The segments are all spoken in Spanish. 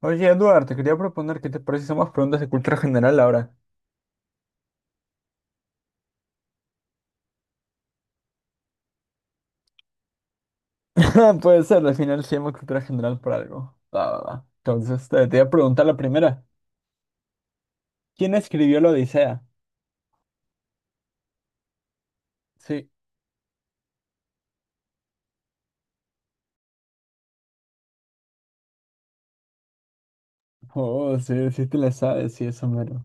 Oye, Eduardo, te quería proponer que te parece si hacemos preguntas de cultura general ahora. Puede ser, al final se llama cultura general por algo. Va, va, va. Entonces, te voy a preguntar la primera. ¿Quién escribió la Odisea? Sí. Oh, sí, sí te la sabes, sí, eso mero.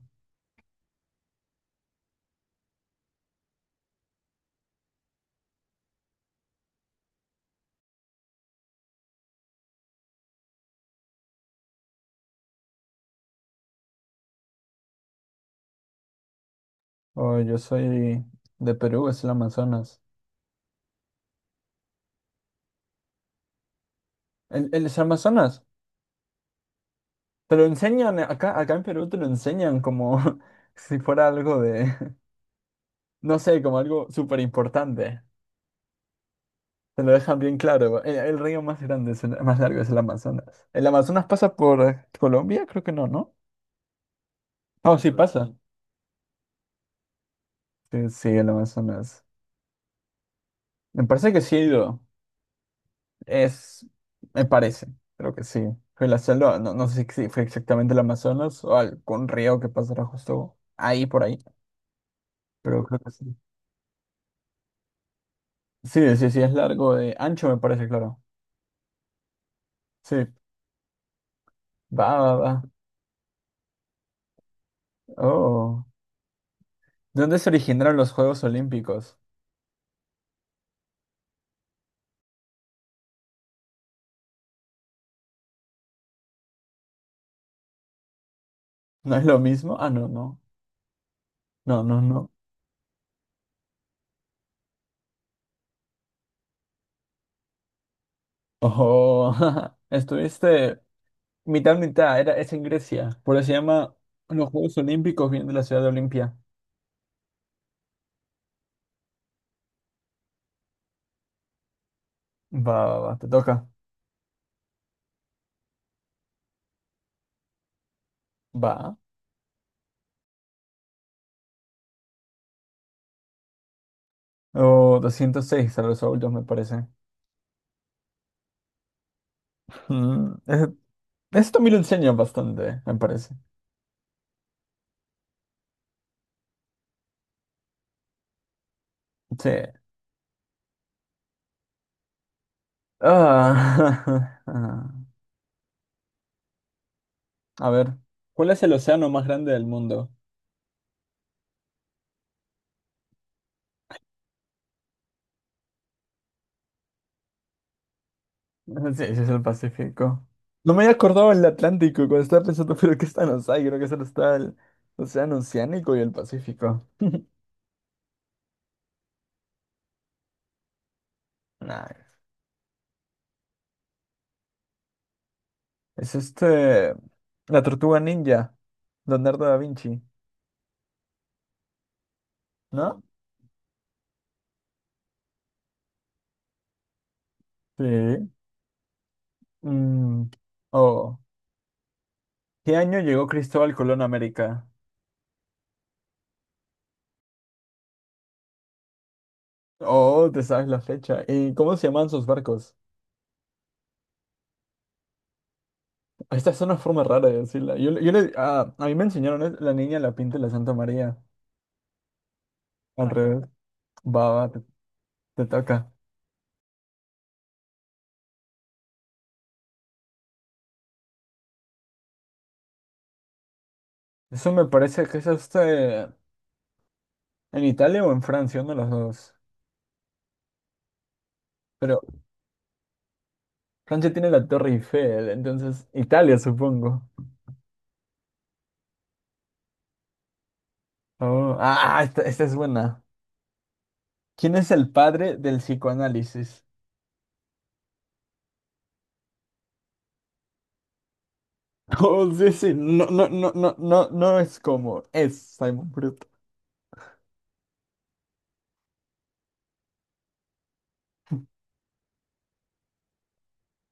Oh, yo soy de Perú, es el Amazonas. ¿El es Amazonas? Te lo enseñan, acá en Perú te lo enseñan como si fuera algo de, no sé, como algo súper importante. Te lo dejan bien claro. El río más grande, más largo es el Amazonas. ¿El Amazonas pasa por Colombia? Creo que no, ¿no? Oh, sí pasa. No. Sí, sí, el Amazonas. Me parece que sí he ido. Es, me parece. Creo que sí. Fue la selva. No, no sé si fue exactamente el Amazonas o algún río que pasará justo ahí por ahí. Pero creo que sí. Sí, sí, sí, es largo de ancho, me parece, claro. Sí. Va, va, va. Oh. ¿De dónde se originaron los Juegos Olímpicos? ¿No es lo mismo? Ah, no, no. No, no, no. Oh, estuviste mitad mitad, era, es en Grecia, por eso se llama los Juegos Olímpicos, vienen de la ciudad de Olimpia. Va, va, va, te toca. Va. O 206 a los adultos, me parece. Mm, ese- esto me lo enseña bastante, me parece. Sí. Ah, ah. A ver, ¿cuál es el océano más grande del mundo? Sí, ese es el Pacífico. No me había acordado del Atlántico cuando estaba pensando, pero ¿qué están los hay? Creo que solo está el Océano Oceánico y el Pacífico. Nah, es este. La Tortuga Ninja. Leonardo da Vinci. ¿No? Sí. Mm. Oh. ¿Qué año llegó Cristóbal Colón a América? Oh, te sabes la fecha. ¿Y cómo se llaman sus barcos? Esta es una forma rara de decirla. A mí me enseñaron es la niña, la pinta y la Santa María. Al revés. Va, va, te toca. Eso me parece que es en Italia o en Francia, uno de los dos. Pero Francia tiene la Torre Eiffel, entonces Italia, supongo. Oh, ah, esta es buena. ¿Quién es el padre del psicoanálisis? Oh, sí, sí, no, no, no, no, no, no es como, es Simon Bruto.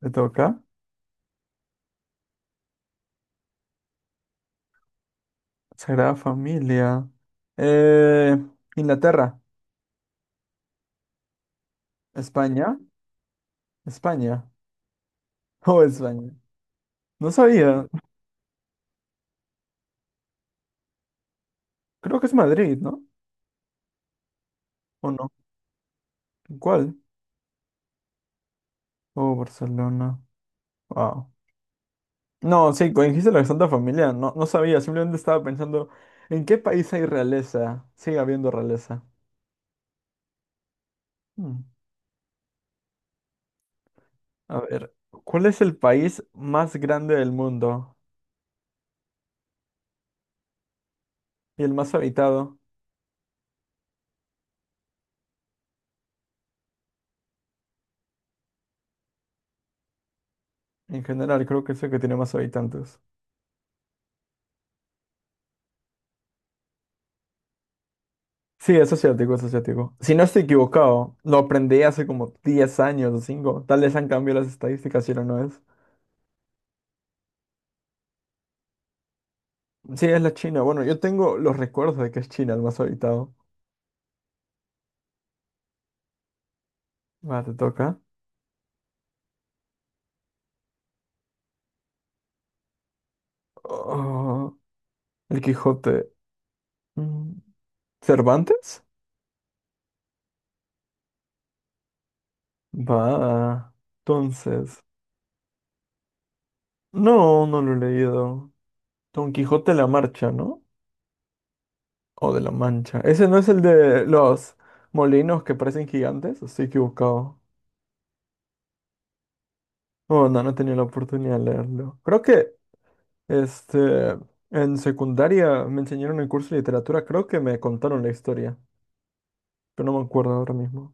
¿Le toca? Sagrada Familia. Eh, Inglaterra. España. España. Oh, España. No sabía. Creo que es Madrid, ¿no? ¿O no? ¿Cuál? Oh, Barcelona. Wow. No, sí, cuando dijiste la Santa Familia, no, no sabía, simplemente estaba pensando, ¿en qué país hay realeza? Sigue habiendo realeza. Hmm. A ver, ¿cuál es el país más grande del mundo y el más habitado? En general, creo que es el que tiene más habitantes. Sí, es asiático, es asiático. Si no estoy equivocado, lo aprendí hace como 10 años o 5. Tal vez han cambiado las estadísticas si no, no es. Sí, es la China. Bueno, yo tengo los recuerdos de que es China el más habitado. Va, te toca. Oh, el Quijote. Mm, ¿Cervantes? Va. Entonces. No, no lo he leído. Don Quijote de la Marcha, ¿no? O de la Mancha. Ese no es el de los molinos que parecen gigantes. Estoy equivocado. Oh, no, no he tenido la oportunidad de leerlo. Creo que, este, en secundaria me enseñaron el curso de literatura. Creo que me contaron la historia, pero no me acuerdo ahora mismo.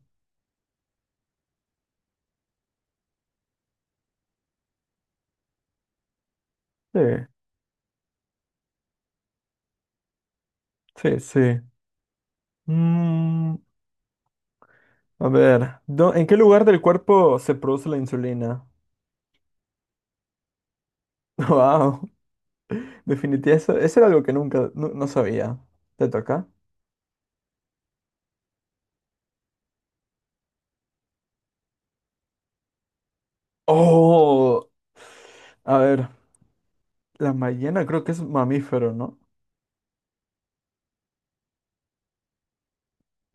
Sí, sí, sí. Mm, a ver, ¿en qué lugar del cuerpo se produce la insulina? Wow, definitivamente eso era algo que nunca, no, no sabía. ¿Te toca? Oh, a ver, la ballena creo que es mamífero, ¿no?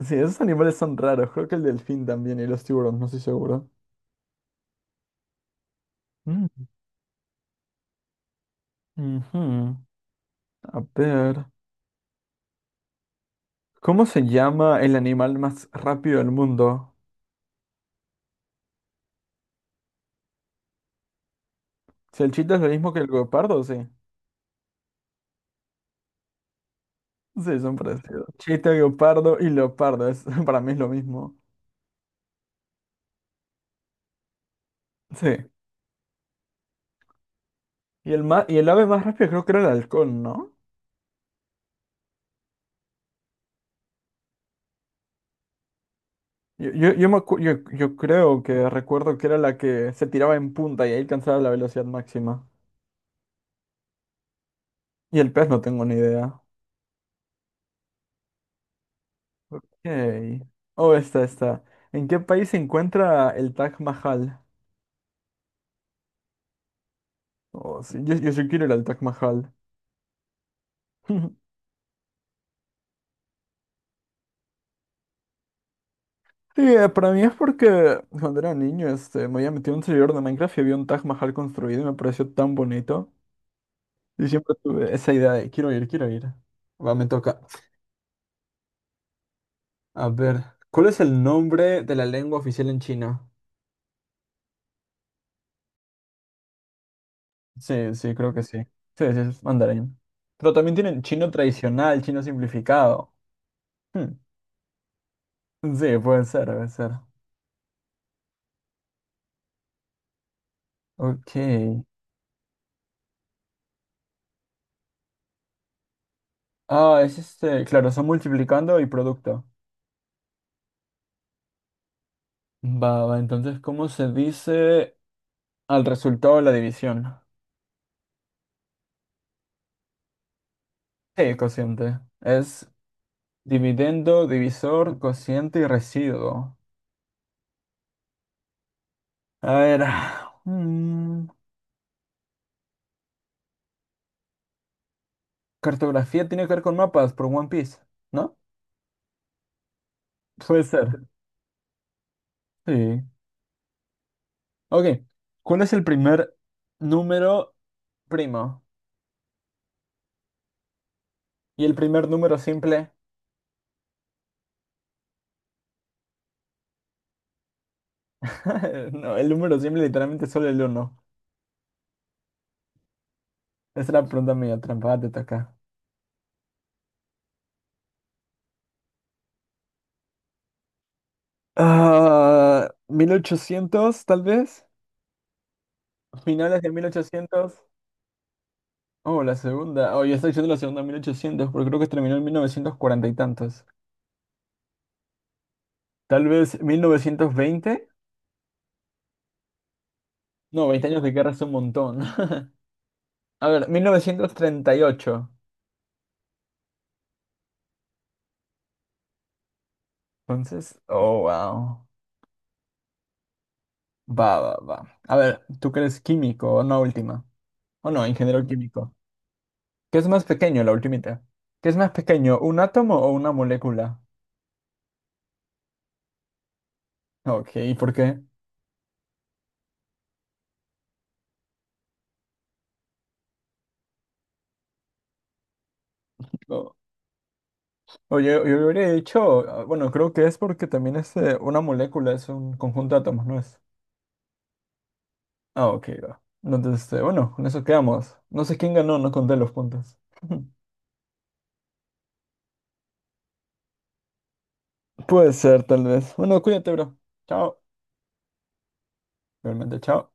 Sí, esos animales son raros, creo que el delfín también y los tiburones, no estoy seguro. Mm, ujú. A ver, ¿cómo se llama el animal más rápido del mundo? Si el chita es lo mismo que el guepardo, sí. Sí, son parecidos. Chita, guepardo y leopardo, es, para mí es lo mismo. Sí. Y el ave más rápida creo que era el halcón, ¿no? Yo me acu- yo- yo creo que recuerdo que era la que se tiraba en punta y ahí alcanzaba la velocidad máxima. Y el pez no tengo ni idea. Ok. Oh, esta. ¿En qué país se encuentra el Taj Mahal? Oh, sí, yo sí quiero ir al Taj Mahal. Sí, para mí es porque cuando era niño me había metido en un servidor de Minecraft y había un Taj Mahal construido y me pareció tan bonito. Y siempre tuve esa idea de quiero ir, quiero ir. Va, me toca. A ver, ¿cuál es el nombre de la lengua oficial en China? Sí, sí, creo que sí. Sí, sí, es mandarín. Pero también tienen chino tradicional, chino simplificado. Hmm. Sí, puede ser, puede ser. Ok. Ah, es este. Claro, son multiplicando y producto. Va, va, entonces, ¿cómo se dice al resultado de la división? Sí, cociente. Es dividendo, divisor, cociente y residuo. A ver. mm, Cartografía tiene que ver con mapas por One Piece, ¿no? Puede ser. Sí. Ok, ¿cuál es el primer número primo? Y el primer número simple. No, el número simple literalmente es solo el uno. Esa era la pregunta medio trampa, te toca. Ah, 1800 tal vez. Finales de 1800. Oh, la segunda. Oh, yo estoy diciendo la segunda 1800, porque creo que terminó en 1940 y tantos. Tal vez 1920. No, 20 años de guerra es un montón. A ver, 1938. Entonces, oh, wow. Va, va, va. A ver, ¿tú crees químico o no última? O no, ingeniero químico. ¿Qué es más pequeño, la ultimita? ¿Qué es más pequeño, un átomo o una molécula? Ok, ¿y por qué? O- Oye, yo hubiera dicho, ah, bueno, creo que es porque también una molécula es un conjunto de átomos, ¿no es? Ah, ok, va. No, entonces, bueno, con eso quedamos. No sé quién ganó, no conté los puntos. Puede ser, tal vez. Bueno, cuídate, bro. Chao. Realmente, chao.